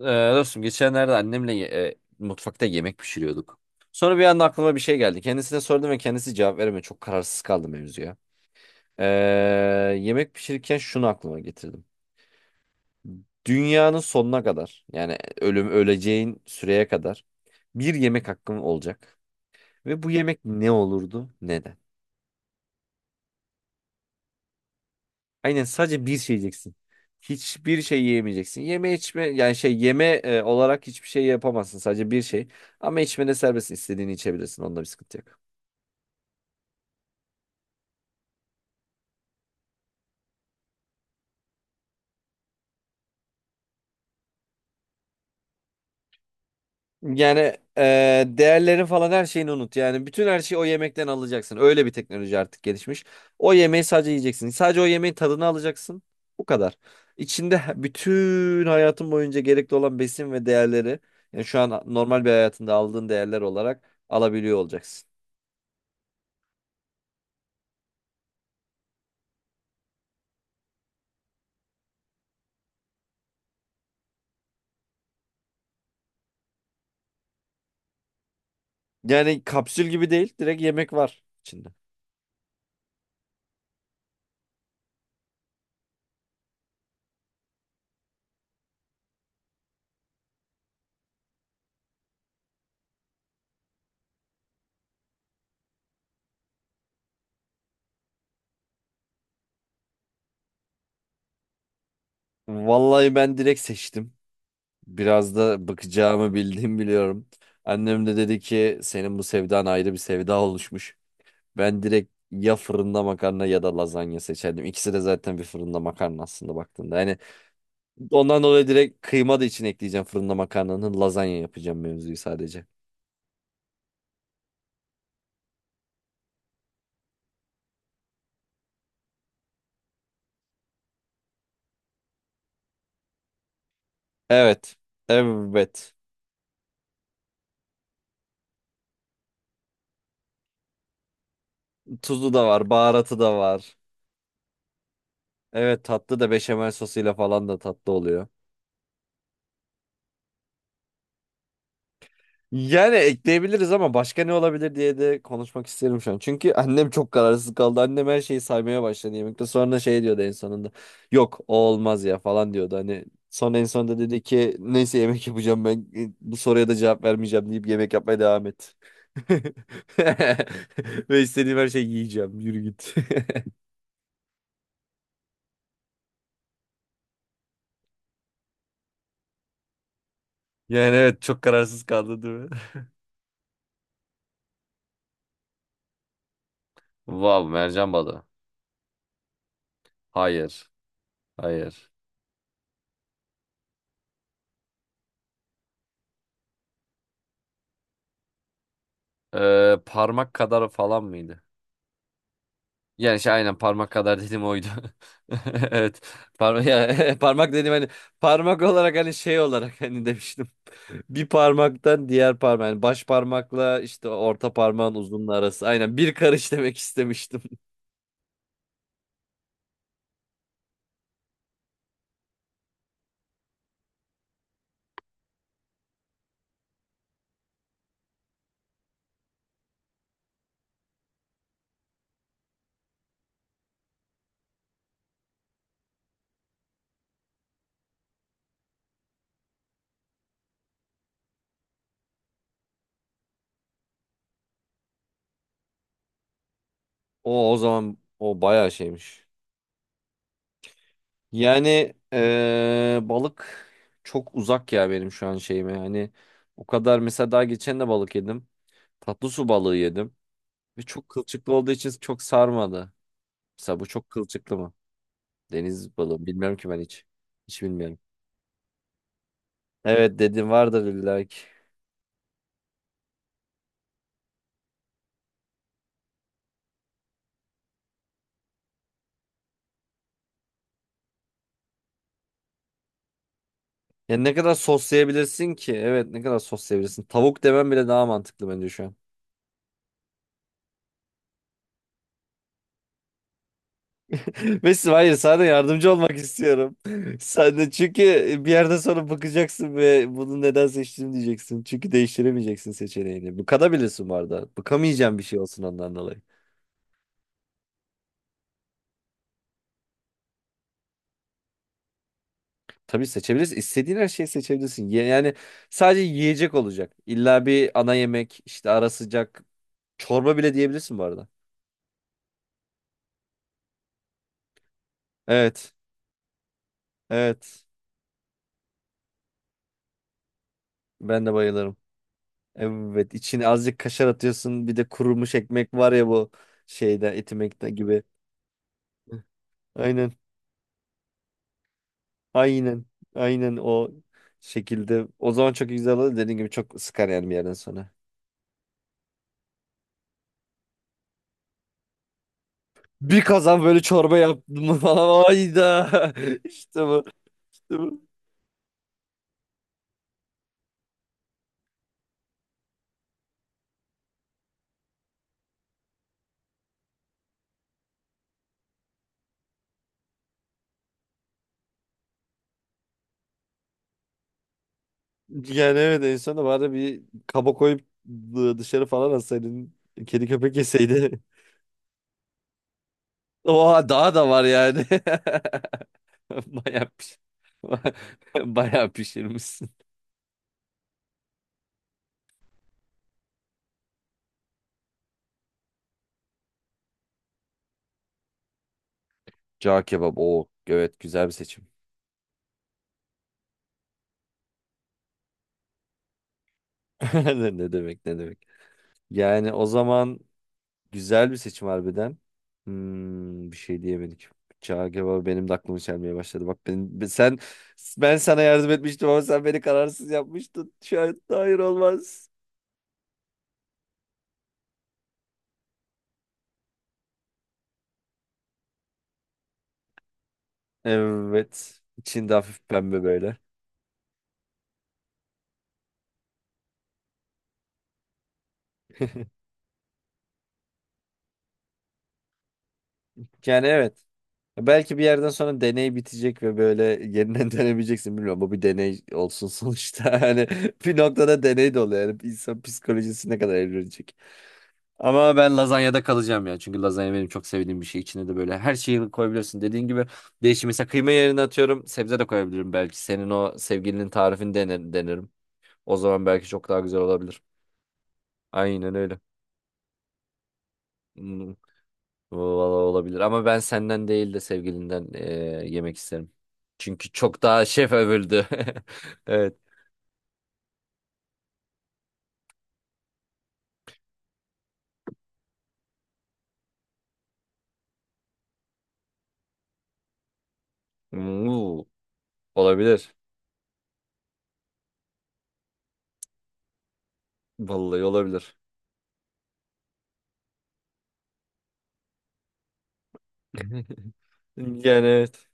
Ee, dostum geçenlerde annemle mutfakta yemek pişiriyorduk. Sonra bir anda aklıma bir şey geldi. Kendisine sordum ve kendisi cevap veremedi. Çok kararsız kaldım mevzuya. Ee, yemek pişirirken şunu aklıma getirdim. Dünyanın sonuna kadar yani ölüm öleceğin süreye kadar bir yemek hakkım olacak. Ve bu yemek ne olurdu? Neden? Aynen sadece bir şey yiyeceksin. Hiçbir şey yiyemeyeceksin. Yeme içme yani şey yeme olarak hiçbir şey yapamazsın. Sadece bir şey. Ama içmede serbestsin. İstediğini içebilirsin. Onda bir sıkıntı yok. Yani değerlerin falan her şeyini unut. Yani bütün her şeyi o yemekten alacaksın. Öyle bir teknoloji artık gelişmiş. O yemeği sadece yiyeceksin. Sadece o yemeğin tadını alacaksın. Bu kadar. İçinde bütün hayatın boyunca gerekli olan besin ve değerleri yani şu an normal bir hayatında aldığın değerler olarak alabiliyor olacaksın. Yani kapsül gibi değil. Direkt yemek var içinde. Vallahi ben direkt seçtim. Biraz da bakacağımı bildiğimi biliyorum. Annem de dedi ki senin bu sevdan ayrı bir sevda oluşmuş. Ben direkt ya fırında makarna ya da lazanya seçerdim. İkisi de zaten bir fırında makarna aslında baktığında. Yani ondan dolayı direkt kıyma da içine ekleyeceğim fırında makarnanın lazanya yapacağım mevzuyu sadece. Evet. Evet. Tuzu da var, baharatı da var. Evet, tatlı da beşamel sosuyla falan da tatlı oluyor. Yani ekleyebiliriz ama başka ne olabilir diye de konuşmak isterim şu an. Çünkü annem çok kararsız kaldı. Annem her şeyi saymaya başladı yemekte. Sonra şey diyordu en sonunda. Yok, o olmaz ya falan diyordu. Hani son en sonunda dedi ki neyse yemek yapacağım ben bu soruya da cevap vermeyeceğim deyip yemek yapmaya devam et. Ve istediğim her şeyi yiyeceğim. Yürü git. Yani evet, çok kararsız kaldı değil mi? Vav, mercan balığı. Hayır. Hayır. Parmak kadar falan mıydı? Yani şey aynen parmak kadar dedim oydu. Evet. Parmak parmak dedim hani parmak olarak hani şey olarak hani demiştim. Bir parmaktan diğer parmak yani baş parmakla işte orta parmağın uzunluğu arası. Aynen bir karış demek istemiştim. O o zaman o bayağı şeymiş. Yani balık çok uzak ya benim şu an şeyime. Yani o kadar mesela daha geçen de balık yedim. Tatlı su balığı yedim. Ve çok kılçıklı olduğu için çok sarmadı. Mesela bu çok kılçıklı mı? Deniz balığı. Bilmiyorum ki ben hiç. Hiç bilmiyorum. Evet, dedim vardır illaki. Ya ne kadar soslayabilirsin ki? Evet, ne kadar soslayabilirsin? Tavuk demem bile daha mantıklı bence şu an. Mesut, hayır, sana yardımcı olmak istiyorum. Sen de çünkü bir yerden sonra bakacaksın ve bunu neden seçtim diyeceksin. Çünkü değiştiremeyeceksin seçeneğini. Bıkabilirsin bu arada. Bıkamayacağın bir şey olsun ondan dolayı. Tabii seçebilirsin. İstediğin her şeyi seçebilirsin. Yani sadece yiyecek olacak. İlla bir ana yemek, işte ara sıcak. Çorba bile diyebilirsin bu arada. Evet. Evet. Ben de bayılırım. Evet, içine azıcık kaşar atıyorsun. Bir de kurumuş ekmek var ya, bu şeyde, etimekte gibi. Aynen. Aynen. Aynen o şekilde. O zaman çok güzel olur. Dediğim gibi çok sıkar yani bir yerden sonra. Bir kazan böyle çorba yaptım mı falan. Ayda. İşte bu. İşte bu. Yani evet, en sonunda bari bir kaba koyup dışarı falan atsaydın. Kedi köpek yeseydi. Oha, daha da var yani. Bayağı piş... Bayağı pişirmişsin. Cağ kebap. Oo, evet, güzel bir seçim. Ne demek, ne demek. Yani o zaman güzel bir seçim harbiden. Hmm, bir şey diyemedik. Cağ kebabı benim de aklımı çelmeye başladı. Bak ben, sen, ben sana yardım etmiştim ama sen beni kararsız yapmıştın. Şu an hayır, olmaz. Evet. İçinde hafif pembe böyle. Yani evet. Belki bir yerden sonra deney bitecek ve böyle yeniden denemeyeceksin, bilmiyorum. Bu bir deney olsun sonuçta. Hani bir noktada deney de oluyor. Yani insan psikolojisi ne kadar evrilecek. Ama ben lazanyada kalacağım ya. Çünkü lazanya benim çok sevdiğim bir şey. İçine de böyle her şeyi koyabiliyorsun. Dediğin gibi değişim. Mesela kıyma yerine atıyorum. Sebze de koyabilirim belki. Senin o sevgilinin tarifini denerim. O zaman belki çok daha güzel olabilir. Aynen öyle. Hmm. Valla olabilir ama ben senden değil de sevgilinden yemek isterim. Çünkü çok daha şef övüldü. Evet. Hmm, olabilir. Vallahi olabilir. Yani evet.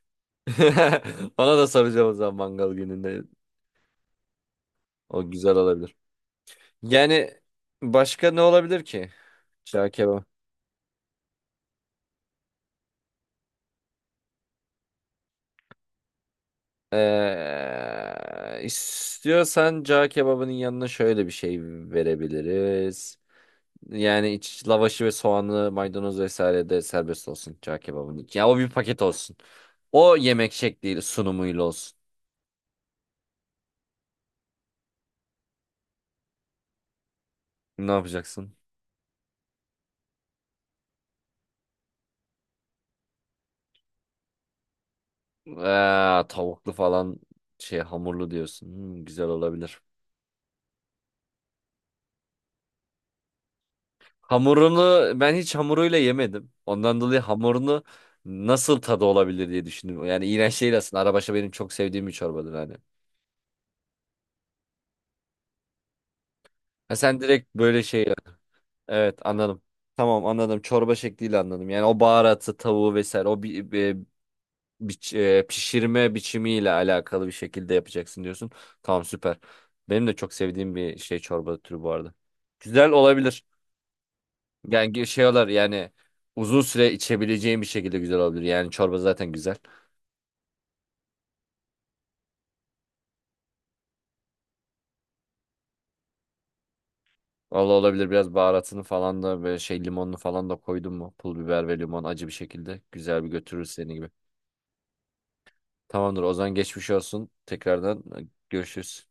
Ona da soracağım o zaman mangal gününde. O güzel olabilir. Yani başka ne olabilir ki? Cağ kebabı. İstiyorsan cağ kebabının yanına şöyle bir şey verebiliriz. Yani iç lavaşı ve soğanlı maydanoz vesaire de serbest olsun çağ kebabının için. Ya o bir paket olsun. O yemek şekliyle, sunumuyla olsun. Ne yapacaksın? Tavuklu falan şey, hamurlu diyorsun. Hmm, güzel olabilir. Hamurunu ben hiç hamuruyla yemedim. Ondan dolayı hamurunu nasıl, tadı olabilir diye düşündüm. Yani iğrenç değil aslında. Arabaşı benim çok sevdiğim bir çorbadır hani. Ha, sen direkt böyle şey. Evet, anladım. Tamam, anladım. Çorba şekliyle anladım. Yani o baharatı, tavuğu vesaire o bir, pişirme biçimiyle alakalı bir şekilde yapacaksın diyorsun. Tamam, süper. Benim de çok sevdiğim bir şey çorba türü bu arada. Güzel olabilir. Yani şey olur yani uzun süre içebileceğim bir şekilde güzel olabilir. Yani çorba zaten güzel. Valla olabilir, biraz baharatını falan da böyle şey, limonunu falan da koydun mu? Pul biber ve limon acı bir şekilde güzel bir götürür seni gibi. Tamamdır o zaman, geçmiş olsun. Tekrardan görüşürüz.